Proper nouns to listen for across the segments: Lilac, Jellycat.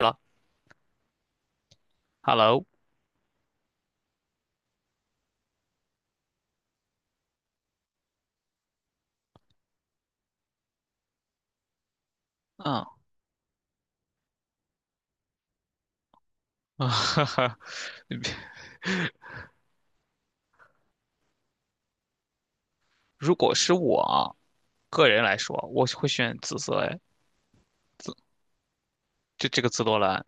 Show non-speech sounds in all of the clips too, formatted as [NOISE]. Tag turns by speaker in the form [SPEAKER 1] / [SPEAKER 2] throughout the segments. [SPEAKER 1] 了，Hello，嗯，[LAUGHS] 如果是我啊个人来说，我会选紫色，哎，就这个紫罗兰。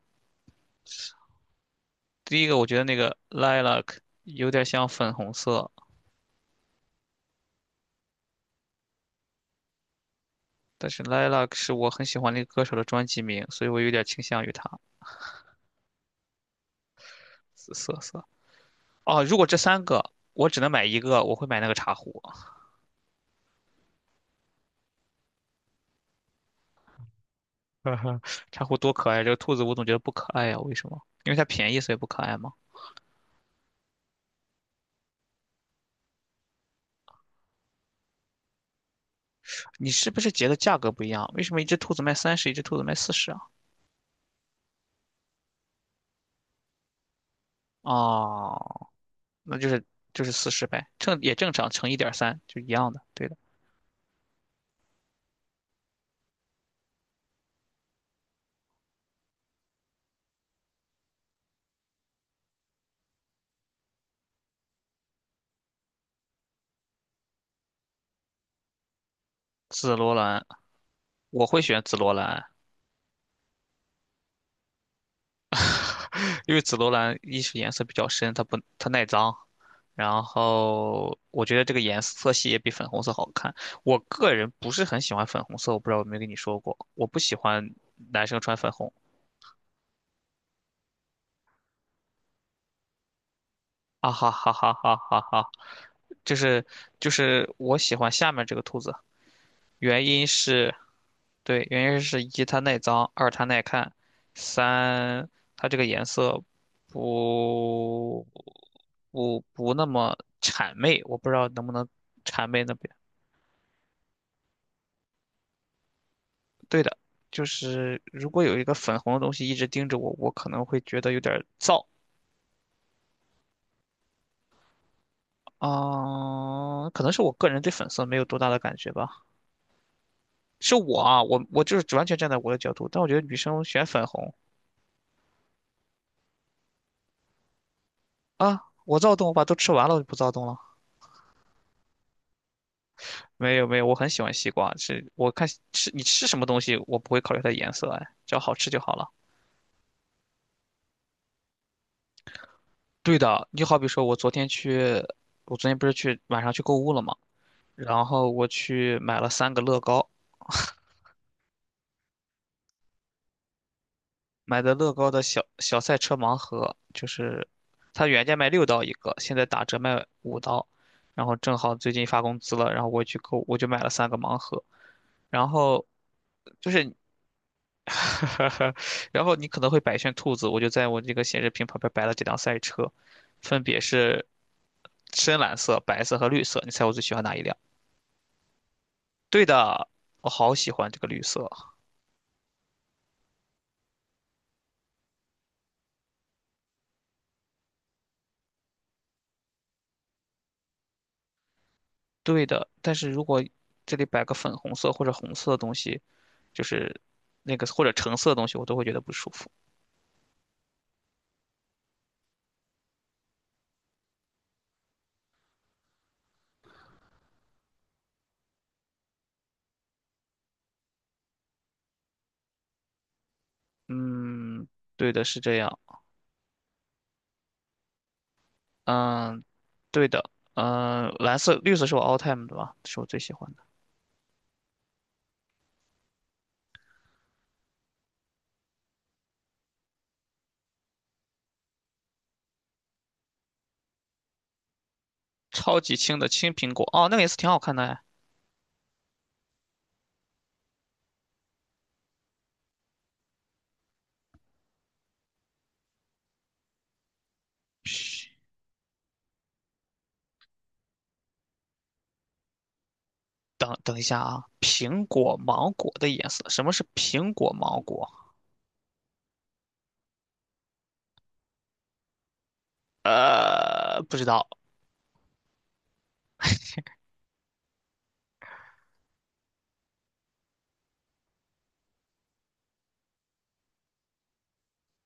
[SPEAKER 1] 第一个，我觉得那个 Lilac 有点像粉红色，但是 Lilac 是我很喜欢那个歌手的专辑名，所以我有点倾向于它紫色色。哦，如果这三个我只能买一个，我会买那个茶壶。[LAUGHS] 茶壶多可爱，这个兔子我总觉得不可爱呀、为什么？因为它便宜，所以不可爱吗？你是不是觉得价格不一样？为什么一只兔子卖30，一只兔子卖四十啊？哦，那就是四十呗，正也正常乘1.3，就一样的，对的。紫罗兰，我会选紫罗兰，[LAUGHS] 因为紫罗兰一是颜色比较深，它不它耐脏，然后我觉得这个颜色系也比粉红色好看。我个人不是很喜欢粉红色，我不知道有没有跟你说过，我不喜欢男生穿粉红。啊哈哈哈哈哈哈！就是就是，我喜欢下面这个兔子，原因是对，原因是一它耐脏，二它耐看，三它这个颜色不不那么谄媚，我不知道能不能谄媚那边。对的，就是如果有一个粉红的东西一直盯着我，我可能会觉得有点儿燥啊，可能是我个人对粉色没有多大的感觉吧。是我啊，我就是完全站在我的角度，但我觉得女生选粉红啊，我躁动，我把都吃完了，我就不躁动了。没有没有，我很喜欢西瓜，是我看吃你吃什么东西，我不会考虑它颜色，哎，只要好吃就好了。对的，你好比说，我昨天去，我昨天不是去晚上去购物了嘛，然后我去买了三个乐高，买的乐高的小小赛车盲盒，就是它原价卖6刀一个，现在打折卖5刀，然后正好最近发工资了，然后我去购，我就买了三个盲盒，然后。就是 [LAUGHS] 然后你可能会摆一圈兔子，我就在我这个显示屏旁边摆了几辆赛车，分别是深蓝色、白色和绿色。你猜我最喜欢哪一辆？对的，我好喜欢这个绿色。对的，但是如果这里摆个粉红色或者红色的东西，就是那个或者橙色的东西，我都会觉得不舒服。嗯，对的，是这样。嗯，对的。嗯，蓝色、绿色是我 all time 的吧，是我最喜欢的。超级轻的青苹果，哦，那个颜色挺好看的哎。等等一下啊，苹果芒果的颜色，什么是苹果芒果？不知道。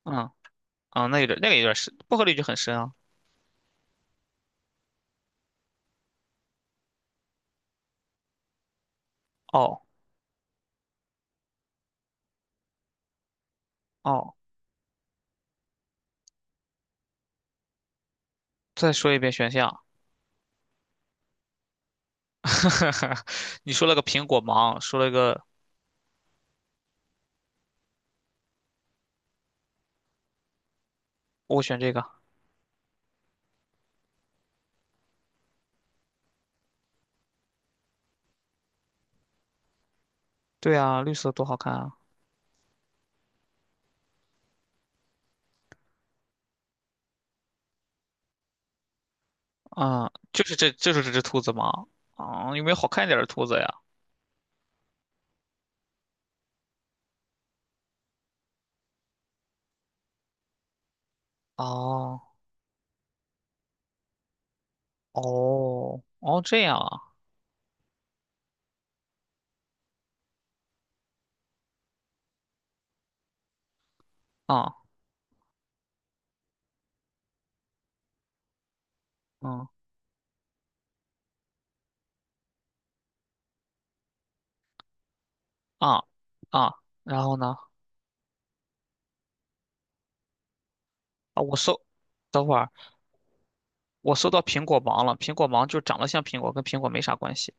[SPEAKER 1] 嗯啊，那有点那个有点深，不合理就很深啊。哦哦，再说一遍选项，[LAUGHS] 你说了个苹果芒，说了个我选这个。对啊，绿色多好看啊！啊、就是这，就是这只兔子吗？啊、有没有好看一点的兔子呀？哦哦哦，这样啊啊嗯啊啊，然后呢？啊，我搜，等会儿。我搜到苹果芒了，苹果芒就长得像苹果，跟苹果没啥关系。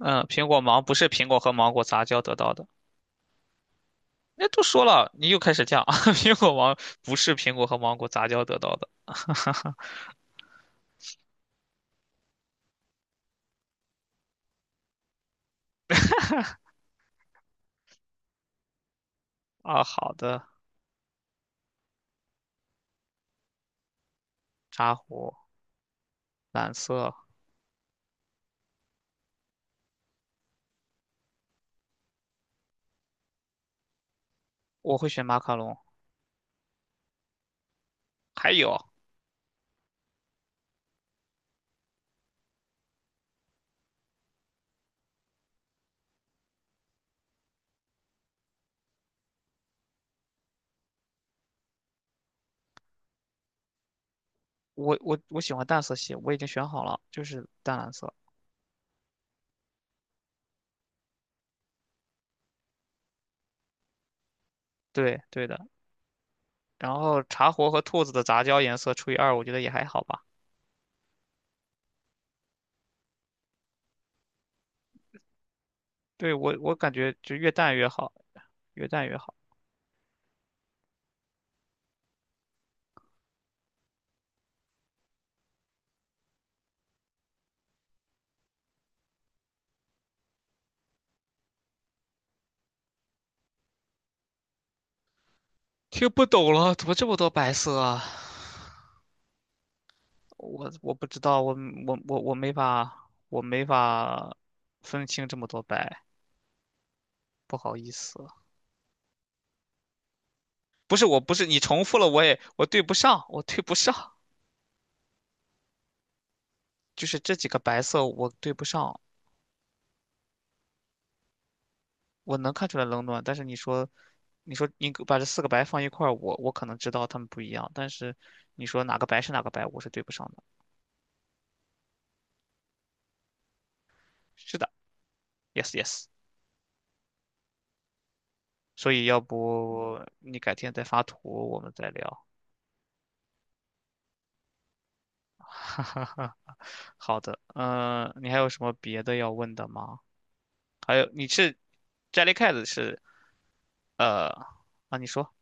[SPEAKER 1] 嗯，苹果芒不是苹果和芒果杂交得到的。那都说了，你又开始犟。[LAUGHS] 苹果芒不是苹果和芒果杂交得到的。啊，好的，茶壶蓝色，我会选马卡龙。还有，我喜欢淡色系，我已经选好了，就是淡蓝色。对对的。然后茶壶和兔子的杂交颜色除以二，我觉得也还好吧。对，我感觉就越淡越好，越淡越好。听不懂了，怎么这么多白色啊？我不知道，我没法，我没法分清这么多白，不好意思。不是，我不是你重复了，我也我对不上，我对不上，就是这几个白色我对不上，我能看出来冷暖，但是你说，你说你把这四个白放一块儿，我可能知道它们不一样，但是你说哪个白是哪个白，我是对不上的。是的，yes yes，所以要不你改天再发图，我们再聊。[LAUGHS] 哈哈哈，好的，嗯、你还有什么别的要问的吗？还有，你是 Jellycat 是呃啊，你说，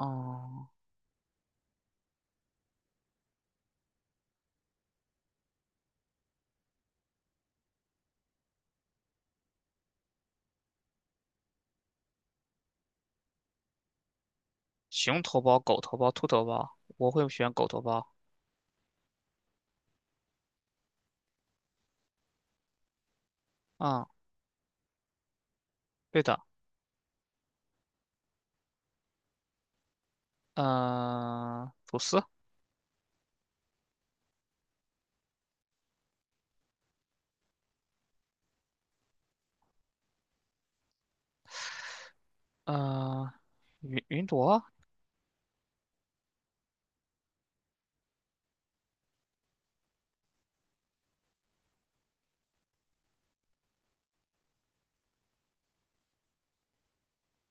[SPEAKER 1] 哦、熊头包、狗头包、兔头包，我会选狗头包。嗯，对的，嗯、吐司，嗯、云朵，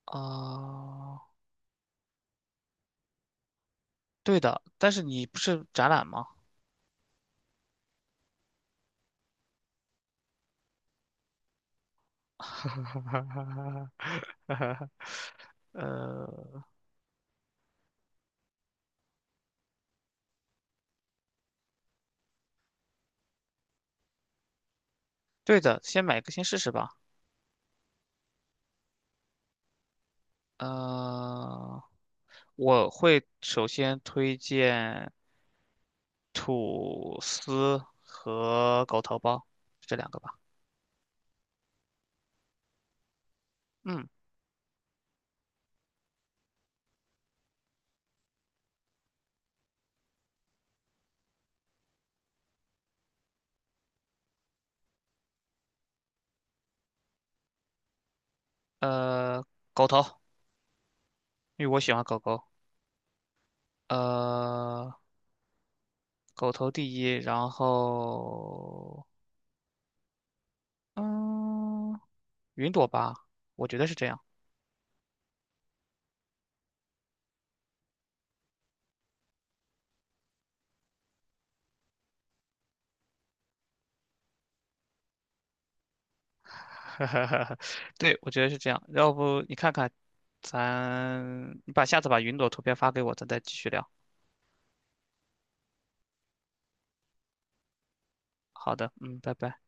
[SPEAKER 1] 啊、对的，但是你不是展览吗？[LAUGHS] 呃，对的，先买一个先试试吧。嗯。我会首先推荐吐司和狗头包这两个吧。嗯，呃，狗头，因为我喜欢狗狗。呃，狗头第一，然后嗯，云朵吧，我觉得是这样。[LAUGHS] 对，我觉得是这样。要不你看看，咱你把下次把云朵图片发给我，咱再继续聊。好的，嗯，拜拜。